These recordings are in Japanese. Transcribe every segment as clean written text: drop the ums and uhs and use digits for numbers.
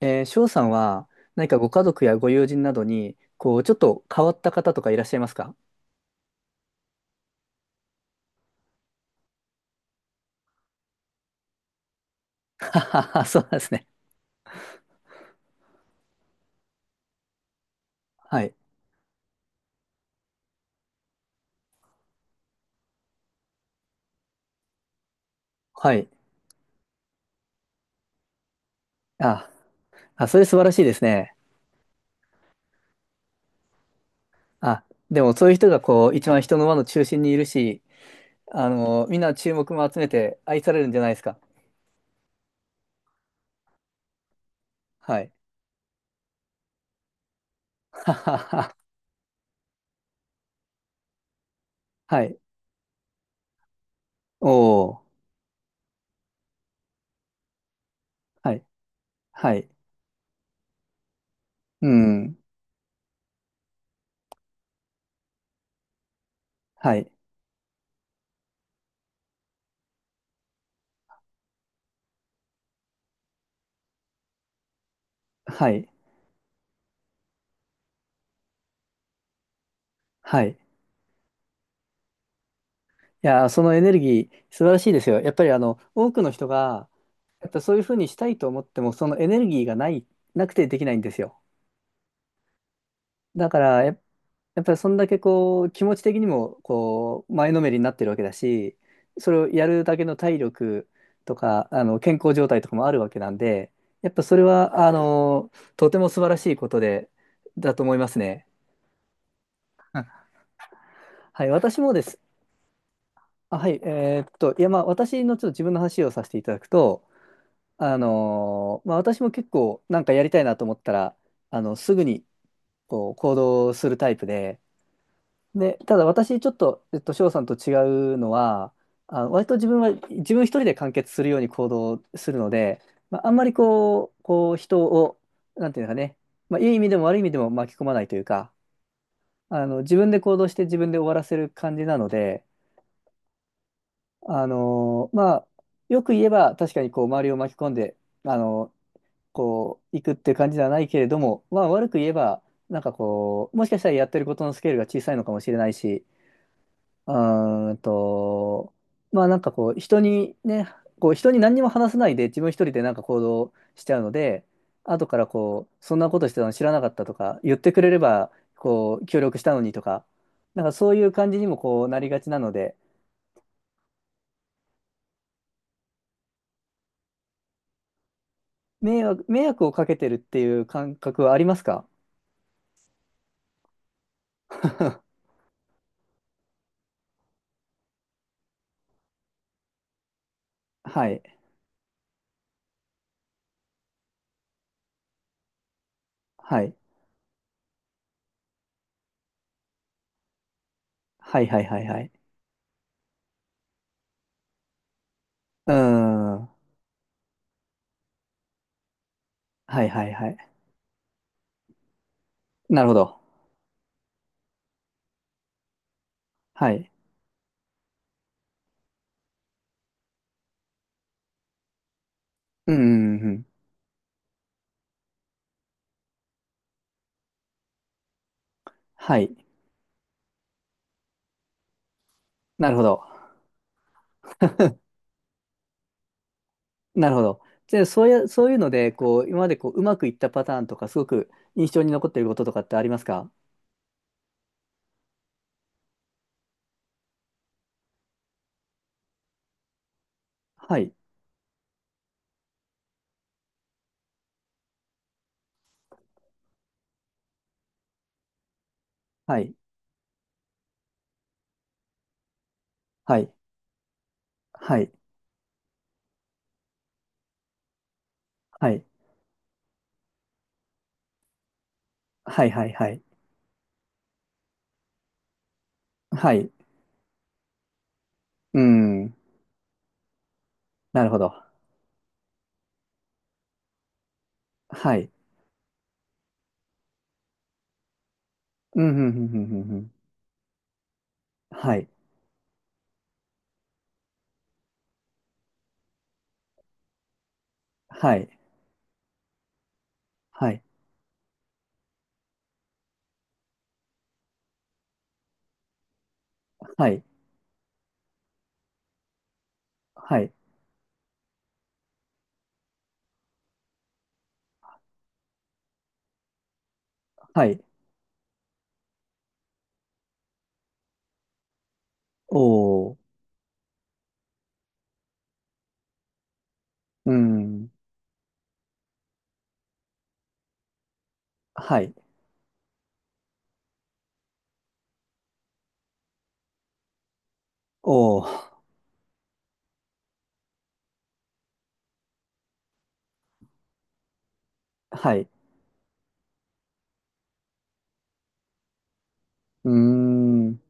翔さんは何かご家族やご友人などに、ちょっと変わった方とかいらっしゃいますか？あはは そうなんですね。はい。はい。あ、あ、それ素晴らしいですね。あ、でもそういう人がこう、一番人の輪の中心にいるし、みんな注目も集めて愛されるんじゃないですか？はい。ははは。はい。おー。はい。はい。うん。はい。はい。はい。いやー、そのエネルギー素晴らしいですよ。やっぱりあの、多くの人が、やっぱそういうふうにしたいと思っても、そのエネルギーがない、なくてできないんですよ。だから、やっぱりそんだけこう、気持ち的にも、こう、前のめりになってるわけだし、それをやるだけの体力とか、健康状態とかもあるわけなんで、やっぱそれは、とても素晴らしいことで、だと思いますね。はい、私もです。あ、はい、いや、まあ、私のちょっと自分の話をさせていただくと、まあ、私も結構なんかやりたいなと思ったら、すぐに、こう行動するタイプで、で、ただ私ちょっと、翔さんと違うのは、あ、割と自分は自分一人で完結するように行動するので、まあ、あんまりこう、人を、なんていうのかね、まあ、いい意味でも悪い意味でも巻き込まないというか、自分で行動して自分で終わらせる感じなので、あのまあ、よく言えば確かにこう周りを巻き込んで、あのこう、行くって感じではないけれども、まあ悪く言えば、なんかこう、もしかしたらやってることのスケールが小さいのかもしれないし、うーんと、まあなんかこう、人にね、こう、人に何にも話さないで自分一人でなんか行動しちゃうので、後からこう、そんなことしてたの知らなかったとか、言ってくれれば、こう、協力したのにとか、なんかそういう感じにもこうなりがちなので、迷惑をかけてるっていう感覚はありますか？ はい。はい。はいはいはいはい。うーん。はいはいはい。なるほど。はい。うんうんうん。はい。なるほど。なるほど。で、そういうので、こう、今までこう、うまくいったパターンとか、すごく印象に残っていることとかってありますか？はい。はい。はい。はい。はい。はいはいはい。はい。うん。なるほど。はい。うん、うん、うん、うん、うんうん。はい。はい。はい。はい。はい。はい。おー。うんうんうんはい。おー。はい。うーん。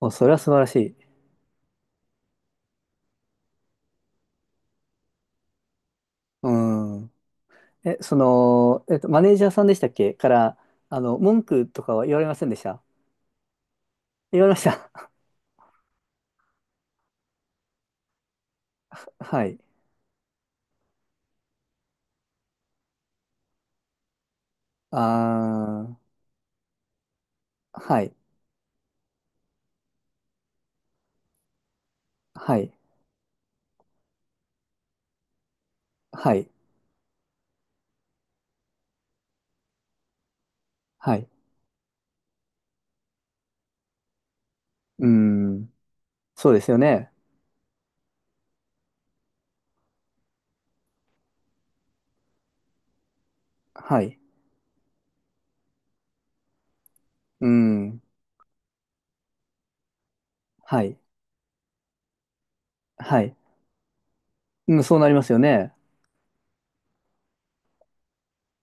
お、それは素晴らしい。うん。え、その、マネージャーさんでしたっけから、文句とかは言われませんでした？言われました。はい。あー、はい。はい。はい。はい。うん。そうですよね。はい。うん。はい。はい。うん、そうなりますよね。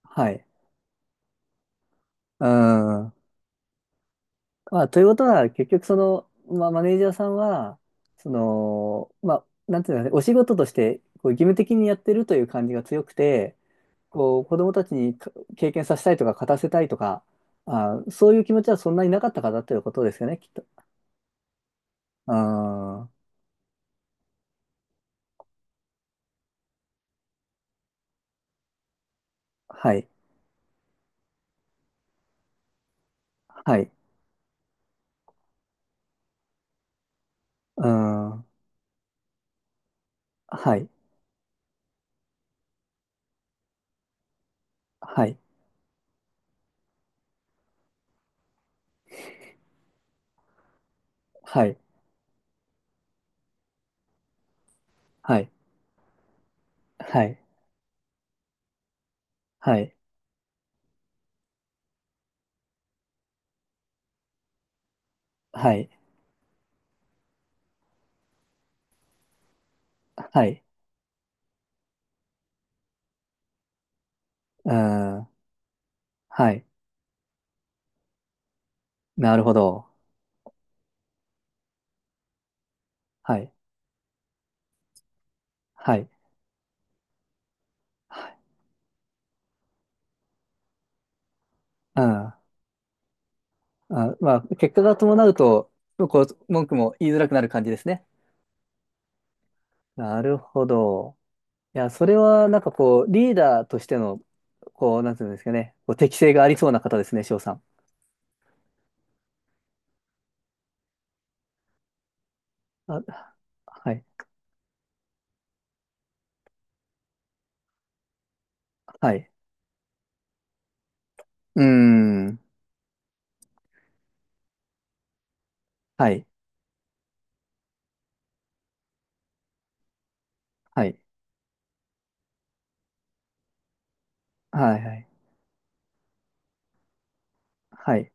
はい。うん。まあ、ということは、結局、その、まあ、マネージャーさんは、その、まあ、なんていうのかね、お仕事として、こう義務的にやってるという感じが強くて、こう、子供たちにか経験させたいとか、勝たせたいとか、あー、そういう気持ちはそんなになかったからということですよね、きっと。うーん。はい。はい。うーん。はい。はい。はい。はい。はい。はい。はい。はい。うーん。はい。なるほど。はい。はい。はい。うん。あ、まあ、結果が伴うと、こう、文句も言いづらくなる感じですね。なるほど。いや、それはなんかこう、リーダーとしての、こう、なんていうんですかね、こう適性がありそうな方ですね、翔さん。あ、はい、はい。うーん。はい、はい、はい、はい、はい。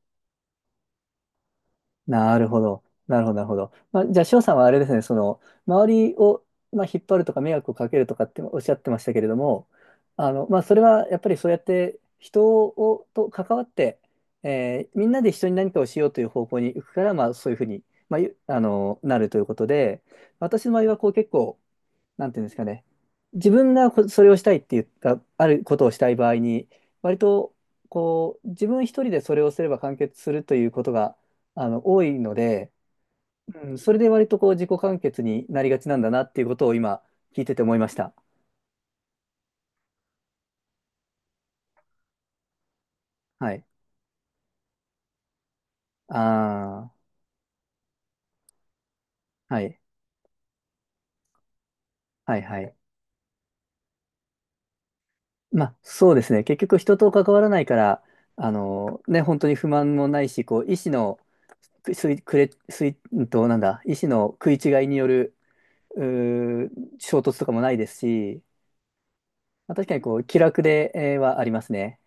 なるほど。なるほど、なるほど。まあ、じゃあ、翔さんはあれですね、その、周りを、まあ、引っ張るとか、迷惑をかけるとかっておっしゃってましたけれども、まあ、それはやっぱりそうやってと関わって、えーみんなで一緒に何かをしようという方向に行くから、まあ、そういうふうに、まあ、なるということで、私の場合は、こう、結構、なんていうんですかね、自分がこそれをしたいって言った、あることをしたい場合に、割と、こう、自分一人でそれをすれば完結するということが、多いので、うん、それで割とこう、自己完結になりがちなんだなっていうことを今、聞いてて思いました。はい。ああ、はい。はい、はい。まあ、そうですね。結局、人と関わらないから、ね、本当に不満もないし、こう、意思の、くすい、くれ、すい、うんと、なんだ、意思の食い違いによる、うー衝突とかもないですし、まあ、確かにこう気楽ではありますね。